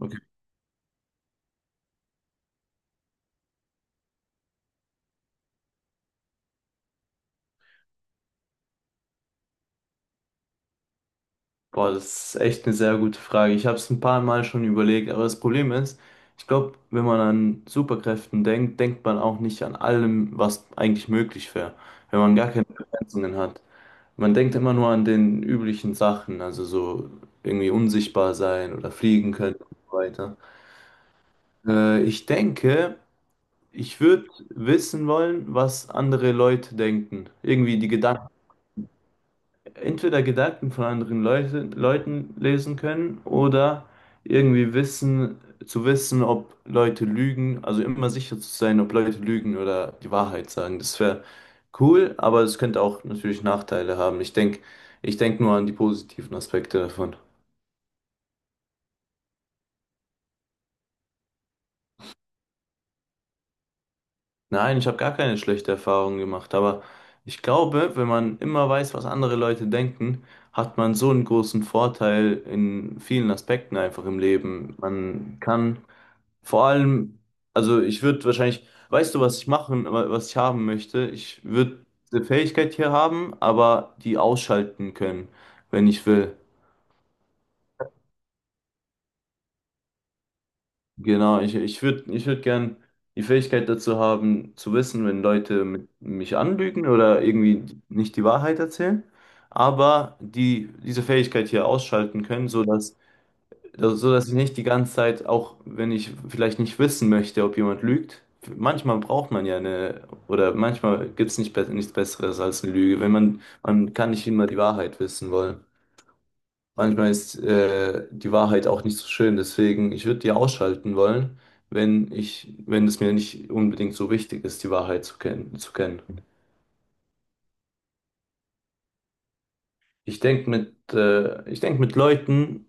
Okay. Boah, das ist echt eine sehr gute Frage. Ich habe es ein paar Mal schon überlegt, aber das Problem ist, ich glaube, wenn man an Superkräften denkt, denkt man auch nicht an allem, was eigentlich möglich wäre, wenn man gar keine Begrenzungen hat. Man denkt immer nur an den üblichen Sachen, also so irgendwie unsichtbar sein oder fliegen können und so weiter. Ich denke, ich würde wissen wollen, was andere Leute denken. Irgendwie die Gedanken. Entweder Gedanken von anderen Leuten lesen können oder irgendwie wissen, zu wissen, ob Leute lügen, also immer sicher zu sein, ob Leute lügen oder die Wahrheit sagen. Das wäre cool, aber es könnte auch natürlich Nachteile haben. Ich denk nur an die positiven Aspekte davon. Nein, ich habe gar keine schlechte Erfahrung gemacht, aber ich glaube, wenn man immer weiß, was andere Leute denken, hat man so einen großen Vorteil in vielen Aspekten einfach im Leben. Man kann vor allem, also ich würde wahrscheinlich, weißt du, was ich machen, was ich haben möchte? Ich würde eine Fähigkeit hier haben, aber die ausschalten können, wenn ich will. Genau, ich würde ich würd gern die Fähigkeit dazu haben, zu wissen, wenn Leute mich anlügen oder irgendwie nicht die Wahrheit erzählen, aber diese Fähigkeit hier ausschalten können, sodass. Also, so dass ich nicht die ganze Zeit, auch wenn ich vielleicht nicht wissen möchte, ob jemand lügt, manchmal braucht man ja eine, oder manchmal gibt es nicht, nichts Besseres als eine Lüge, wenn man, man kann nicht immer die Wahrheit wissen wollen. Manchmal ist die Wahrheit auch nicht so schön, deswegen, ich würde die ausschalten wollen, wenn ich, wenn es mir nicht unbedingt so wichtig ist, die Wahrheit zu kennen. Ich denk mit Leuten,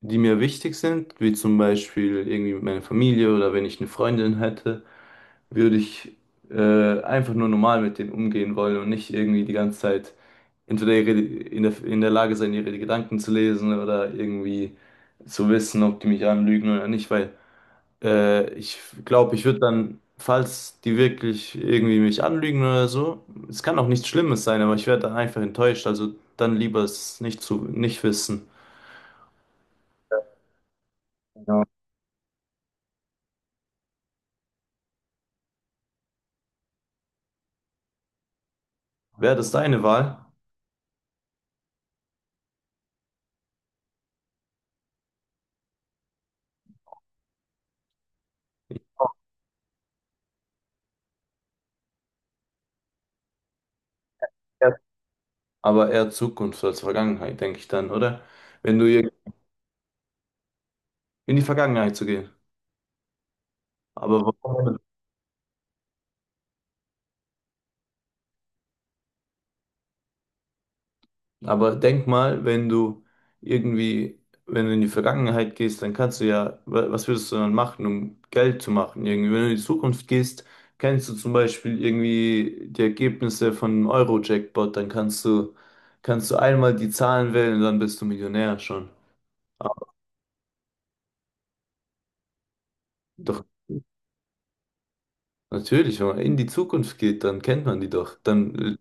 die mir wichtig sind, wie zum Beispiel irgendwie meine Familie oder wenn ich eine Freundin hätte, würde ich einfach nur normal mit denen umgehen wollen und nicht irgendwie die ganze Zeit entweder ihre, in der Lage sein, ihre Gedanken zu lesen oder irgendwie zu wissen, ob die mich anlügen oder nicht, weil ich glaube, ich würde dann, falls die wirklich irgendwie mich anlügen oder so, es kann auch nichts Schlimmes sein, aber ich werde dann einfach enttäuscht, also dann lieber es nicht wissen. Ja. Wäre das deine Wahl? Ja. Aber eher Zukunft als Vergangenheit, denke ich dann, oder? Wenn du in die Vergangenheit zu gehen. Aber, aber denk mal, wenn du irgendwie, wenn du in die Vergangenheit gehst, dann kannst du ja, was würdest du dann machen, um Geld zu machen? Irgendwie, wenn du in die Zukunft gehst, kennst du zum Beispiel irgendwie die Ergebnisse von einem Euro-Jackpot, dann kannst du einmal die Zahlen wählen und dann bist du Millionär schon. Aber doch, natürlich, wenn man in die Zukunft geht, dann kennt man die doch.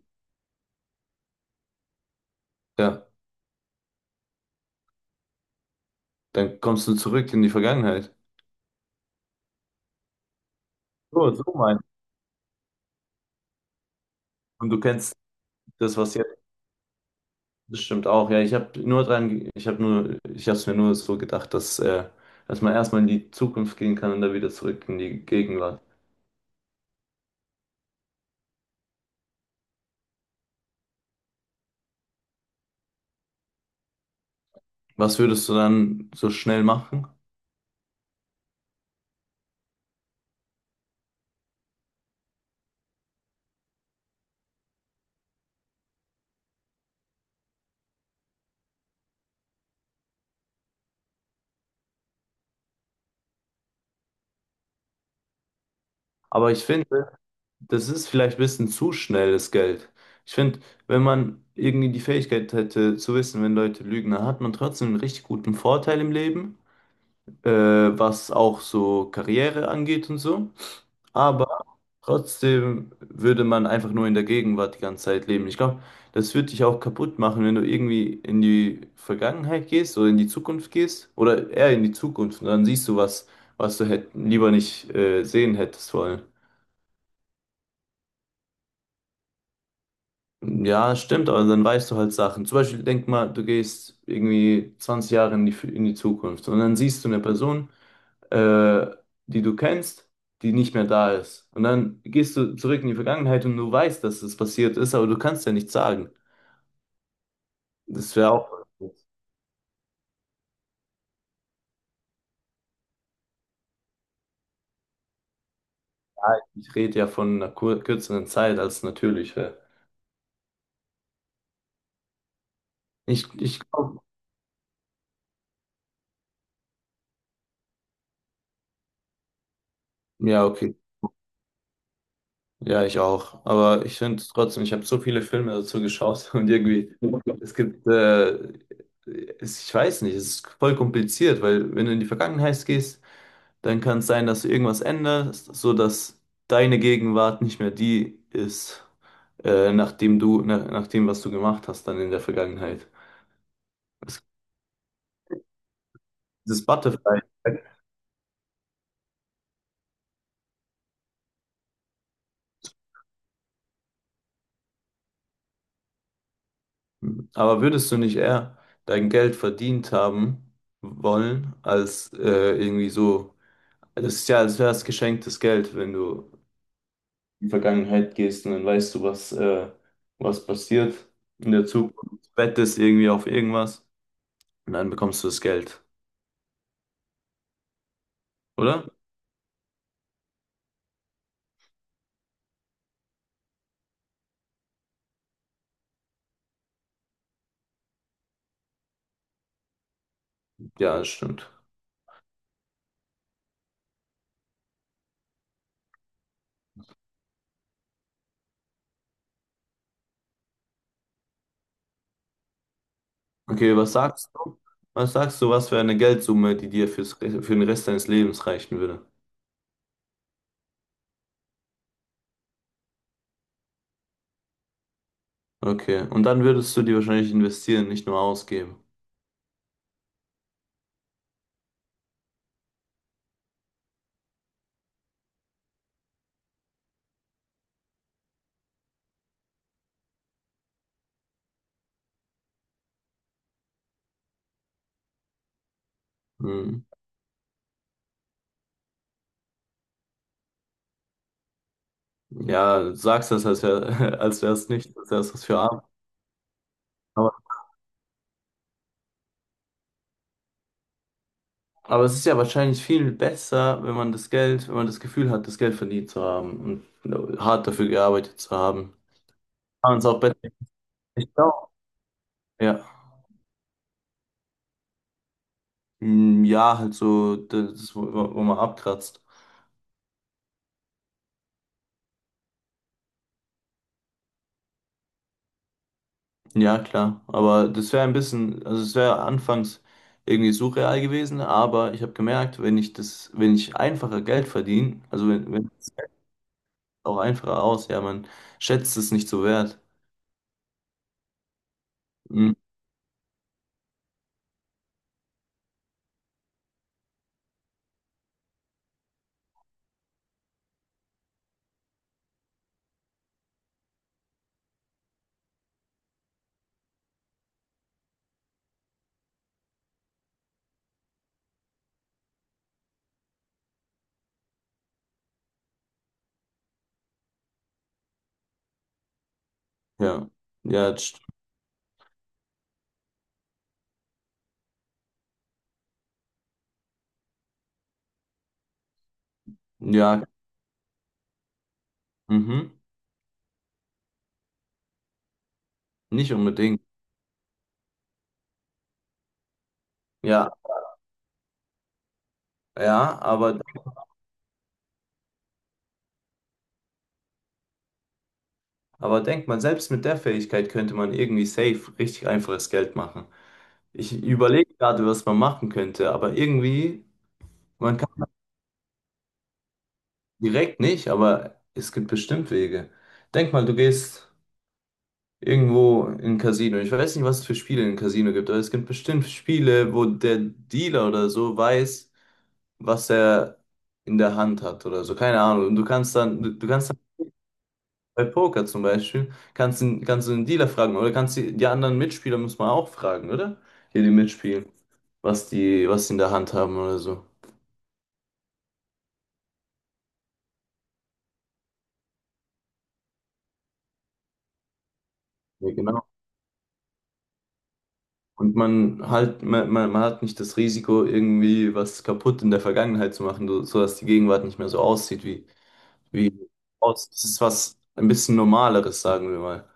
ja, Dann kommst du zurück in die Vergangenheit. So, so mein. Und du kennst das, was jetzt. Das stimmt auch, ja. Ich habe nur dran, ich habe nur, ich habe es mir nur so gedacht, dass man erstmal in die Zukunft gehen kann und dann wieder zurück in die Gegenwart. Was würdest du dann so schnell machen? Aber ich finde, das ist vielleicht ein bisschen zu schnelles Geld. Ich finde, wenn man irgendwie die Fähigkeit hätte zu wissen, wenn Leute lügen, dann hat man trotzdem einen richtig guten Vorteil im Leben, was auch so Karriere angeht und so. Aber trotzdem würde man einfach nur in der Gegenwart die ganze Zeit leben. Ich glaube, das würde dich auch kaputt machen, wenn du irgendwie in die Vergangenheit gehst oder in die Zukunft gehst oder eher in die Zukunft und dann siehst du was, was du lieber nicht sehen hättest wollen. Ja, stimmt, aber dann weißt du halt Sachen. Zum Beispiel, denk mal, du gehst irgendwie 20 Jahre in in die Zukunft und dann siehst du eine Person, äh, die du kennst, die nicht mehr da ist. Und dann gehst du zurück in die Vergangenheit und du weißt, dass es passiert ist, aber du kannst ja nichts sagen. Das wäre auch. Ja, ich rede ja von einer kur kürzeren Zeit als natürlich wäre. Ich glaube, ja, okay. Ja, ich auch. Aber ich finde trotzdem, ich habe so viele Filme dazu geschaut und irgendwie, es gibt, äh, ich weiß nicht, es ist voll kompliziert, weil wenn du in die Vergangenheit gehst, dann kann es sein, dass du irgendwas änderst, so dass deine Gegenwart nicht mehr die ist, nach dem, was du gemacht hast, dann in der Vergangenheit. Es gibt dieses Butterfly. Aber würdest du nicht eher dein Geld verdient haben wollen, als irgendwie so. Das ist ja, als wäre es geschenktes Geld, wenn du in die Vergangenheit gehst und dann weißt du, was passiert in der Zukunft. Wettest irgendwie auf irgendwas und dann bekommst du das Geld, oder? Ja, das stimmt. Okay, was sagst du? Was sagst du, was für eine Geldsumme, die dir für den Rest deines Lebens reichen würde? Okay, und dann würdest du die wahrscheinlich investieren, nicht nur ausgeben. Hm. Ja, du sagst das, als wäre, als wäre es nicht, als wäre es was für Arme. Aber es ist ja wahrscheinlich viel besser, wenn man das Geld, wenn man das Gefühl hat, das Geld verdient zu haben und hart dafür gearbeitet zu haben. Kann man es auch besser. Ich glaube. Ja. Hm, ja, halt so, das, wo man abkratzt. Ja, klar. Aber das wäre ein bisschen, also es wäre anfangs irgendwie surreal gewesen, aber ich habe gemerkt, wenn ich das, wenn ich einfacher Geld verdiene, also wenn es auch einfacher aus, ja, man schätzt es nicht so wert. Hm, ja. Ja, das stimmt. Ja, mhm. Nicht unbedingt. Ja, ja, aber denkt man, selbst mit der Fähigkeit könnte man irgendwie safe richtig einfaches Geld machen. Ich überlege gerade, was man machen könnte, aber irgendwie, man kann direkt nicht, aber es gibt bestimmt Wege. Denk mal, du gehst irgendwo in ein Casino. Ich weiß nicht, was es für Spiele in Casino gibt, aber es gibt bestimmt Spiele, wo der Dealer oder so weiß, was er in der Hand hat oder so. Keine Ahnung. Und du kannst dann, du kannst. Bei Poker zum Beispiel kannst du den Dealer fragen oder kannst die anderen Mitspieler muss man auch fragen, oder? Die mitspielen, was die in der Hand haben oder so. Ja, genau. Und man halt, man hat nicht das Risiko, irgendwie was kaputt in der Vergangenheit zu machen, so, sodass die Gegenwart nicht mehr so aussieht wie, wie aus. Das ist was ein bisschen Normaleres, sagen wir mal.